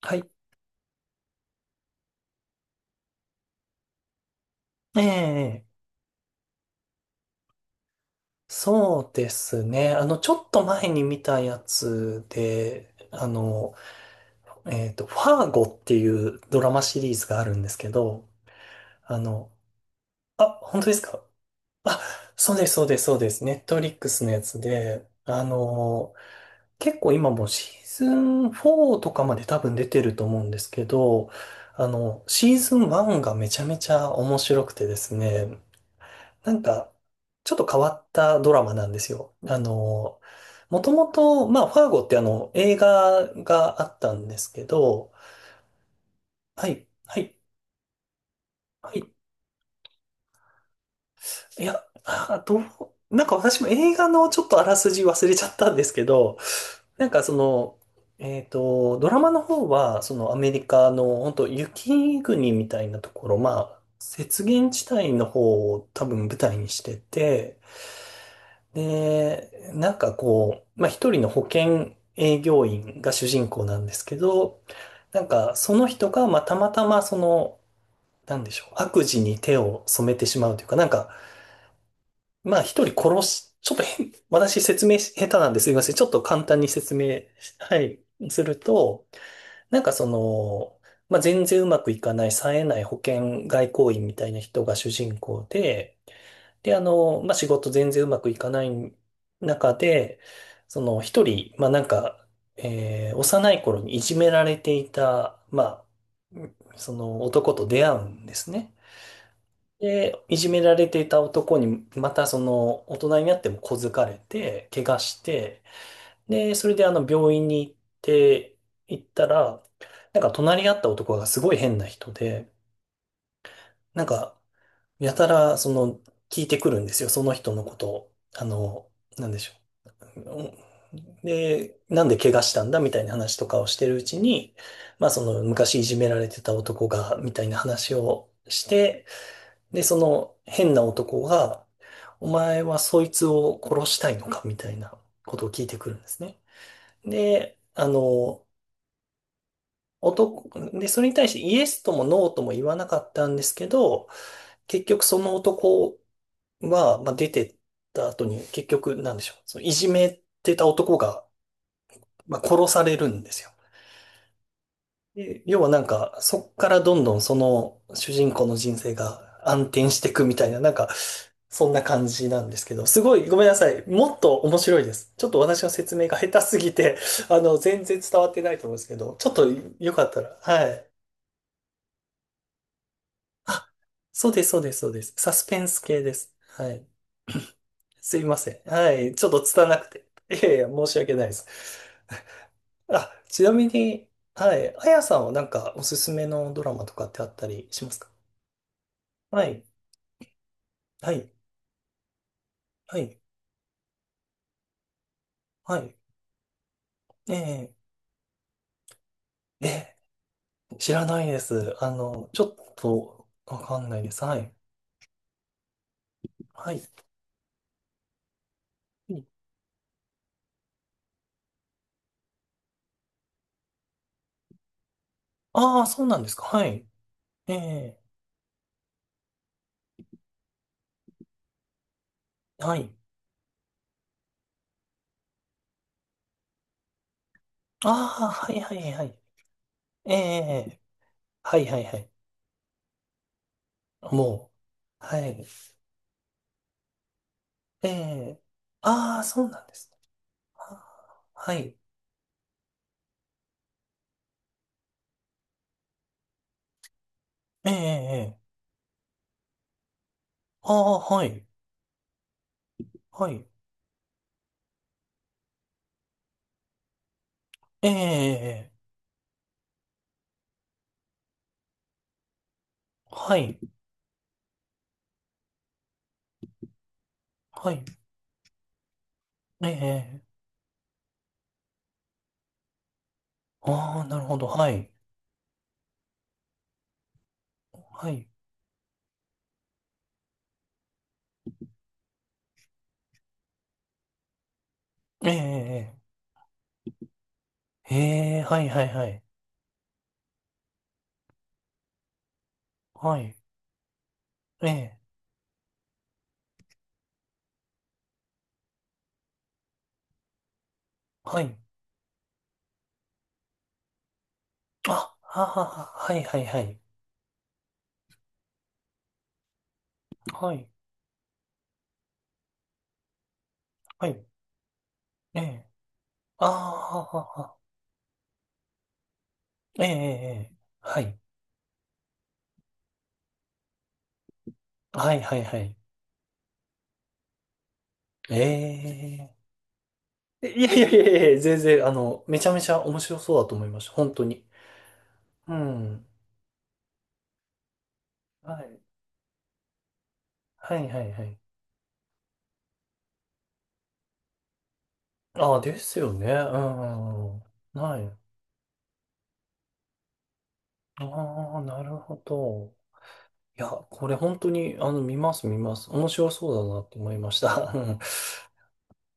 はい。ええ、そうですね。ちょっと前に見たやつで、ファーゴっていうドラマシリーズがあるんですけど、あの、あ、本当ですかあ？そうです、そうです、そうです。ネットリックスのやつで、結構今もうシーズン4とかまで多分出てると思うんですけど、シーズン1がめちゃめちゃ面白くてですね、なんか、ちょっと変わったドラマなんですよ。もともと、まあ、ファーゴって映画があったんですけど、はい、はい、はい。いや、あ、なんか私も映画のちょっとあらすじ忘れちゃったんですけど、なんかその、ドラマの方は、そのアメリカの、本当雪国みたいなところ、まあ、雪原地帯の方を多分舞台にしてて、で、なんかこう、まあ、一人の保険営業員が主人公なんですけど、なんかその人が、まあ、たまたまその、なんでしょう、悪事に手を染めてしまうというか、なんか、まあ一人殺し、ちょっと変、私説明し下手なんですいません。ちょっと簡単に説明、はい、すると、なんかその、まあ全然うまくいかない、冴えない保険外交員みたいな人が主人公で、で、まあ、仕事全然うまくいかない中で、その一人、まあ、なんか、幼い頃にいじめられていた、まあ、その男と出会うんですね。で、いじめられていた男に、またその大人になっても小づかれて、怪我して、で、それで病院にて、行ったら、なんか隣り合った男がすごい変な人で、なんかやたら、聞いてくるんですよ。その人のことを。なんでしょう。うんで、なんで怪我したんだみたいな話とかをしてるうちに、まあその昔いじめられてた男が、みたいな話をして、で、その変な男が、お前はそいつを殺したいのかみたいなことを聞いてくるんですね。で、男、で、それに対してイエスともノーとも言わなかったんですけど、結局その男は、まあ、出てった後に結局なんでしょう。そのいじめてた男が、まあ、殺されるんですよ。で要はなんか、そっからどんどんその主人公の人生が暗転していくみたいな、なんか、そんな感じなんですけど、すごいごめんなさい。もっと面白いです。ちょっと私の説明が下手すぎて、全然伝わってないと思うんですけど、ちょっとよかったら、はい。あ、そうです、そうです、そうです。サスペンス系です。はい。すいません。はい。ちょっと拙なくて。いやいや、申し訳ないです。あ、ちなみに、はい。あやさんはなんかおすすめのドラマとかってあったりしますか？はい。はい。はい。はい。えええ、知らないです。ちょっとわかんないです。はい。はい。ああー、そうなんですか。はい。ええはい。ああ、はいはいはい。ええはいはいはい。もう。はい。ええああ、そうなんですね。あーはい。ええええああー、はい。はい。ええええはい。はい。ええ。ああ、なるほど。はい。はい。ええ。ええ。ええはい、はい、はい。はい。ええ。はい。あ、あはは、はい、はい、はい。はい。はい。ええ。ああ、ははは。ええ。ええはい。はい、はい、はい。ええ。いやいやいやいや、全然、めちゃめちゃ面白そうだと思いました。本当に。うん。はい。はい、はい、はい。ああ、ですよね。うん。はい。ああ、なるほど。いや、これ本当に、見ます、見ます。面白そうだなって思いました。うん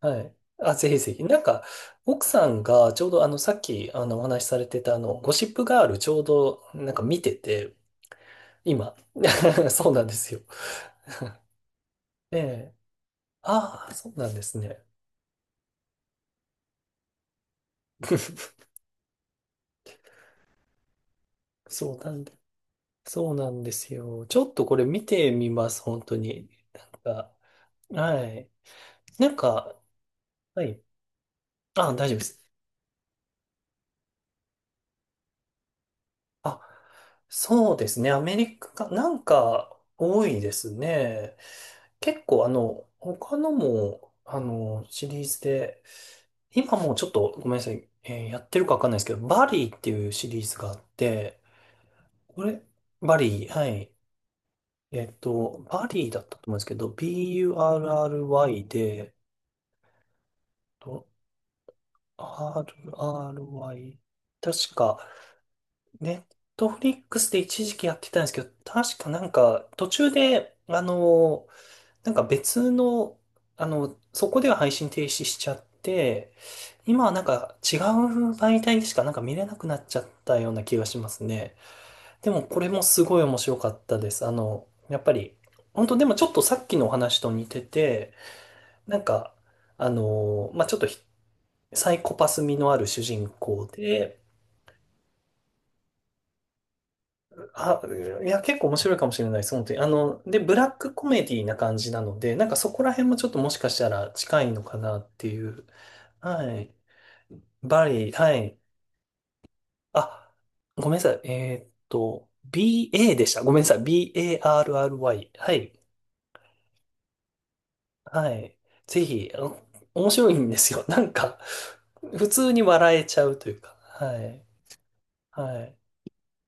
はい。あ、ぜひぜひ。なんか、奥さんがちょうど、さっき、お話しされてた、ゴシップガール、ちょうど、なんか見てて、今。そうなんですよ。ええ。ああ、そうなんですね。そうなんで、そうなんですよ。ちょっとこれ見てみます、本当に。なんか、はい。なんか、はい。あ、大丈夫です。あ、そうですね。アメリカ、なんか多いですね。結構他のも、シリーズで、今もうちょっとごめんなさい、やってるかわかんないですけど、バリーっていうシリーズがあって、これ、バリー、はい。バリーだったと思うんですけど、BURRY で、と RRY、確か、ネットフリックスで一時期やってたんですけど、確かなんか途中で、なんか別の、そこでは配信停止しちゃって、今はなんか違う媒体でしかなんか見れなくなっちゃったような気がしますね。でもこれもすごい面白かったです。やっぱり、本当でもちょっとさっきのお話と似てて、なんか、まあ、ちょっとサイコパス味のある主人公で、あ、いや、結構面白いかもしれないです、本当に。で、ブラックコメディな感じなので、なんかそこら辺もちょっともしかしたら近いのかなっていう。はい。バリー、はい。あ、ごめんなさい。BA でした。ごめんなさい。BARRY。はい。はい。ぜひ、面白いんですよ。なんか、普通に笑えちゃうというか。はい。はい。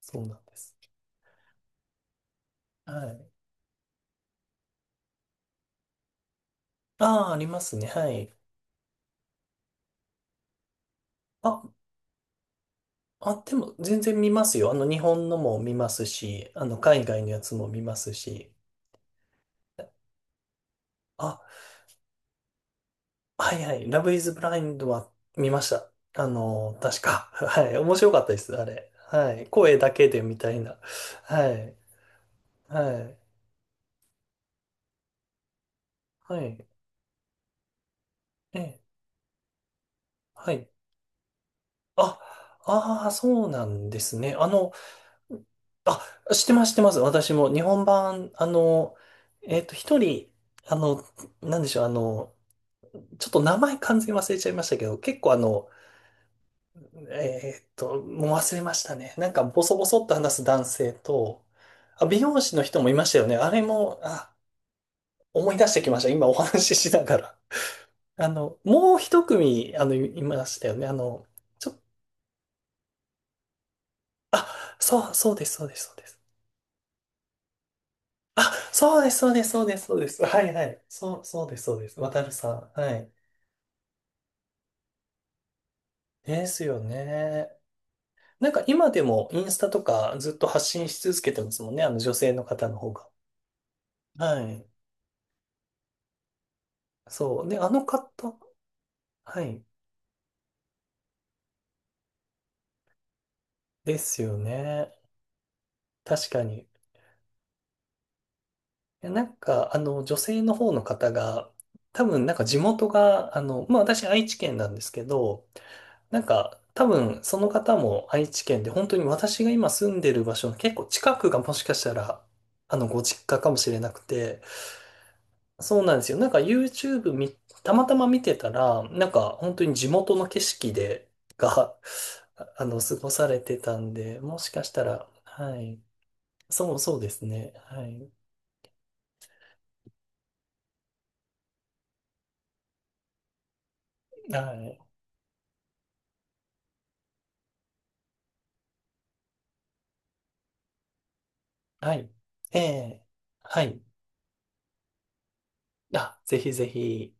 そうなんです。はい。ああ、ありますね。はい。あ、あ、でも全然見ますよ。日本のも見ますし、海外のやつも見ますし。あ、はいはい。ラブイズブラインドは見ました。確か。はい。面白かったです、あれ。はい。声だけでみたいな。はい。はい。はい。ええ、はい。あ、ああ、そうなんですね。あ、知ってます、知ってます。私も日本版、一人、あの、なんでしょう、ちょっと名前完全に忘れちゃいましたけど、結構もう忘れましたね。なんかボソボソっと話す男性と、あ、美容師の人もいましたよね。あれも、あ、思い出してきました。今お話ししながら。もう一組、いいましたよね。ちょ、あ、そう、そうです、そうです、そうです。あ、そうです、そうです、そうです、そうです。はい、はい。そう、そうです、そうです。渡るさん。はい。ですよね。なんか今でもインスタとかずっと発信し続けてますもんね。あの女性の方の方が。はい。そう。ね、あの方、はい。ですよね。確かに。いやなんか、女性の方の方が、多分、なんか地元が、まあ、私、愛知県なんですけど、なんか、多分、その方も愛知県で、本当に私が今住んでる場所の結構近くがもしかしたら、ご実家かもしれなくて、そうなんですよ。なんか YouTube たまたま見てたら、なんか本当に地元の景色で、が、過ごされてたんで、もしかしたら、はい。そう、そうですね。はい。はい。はい。ええはい。あ、ぜひぜひ。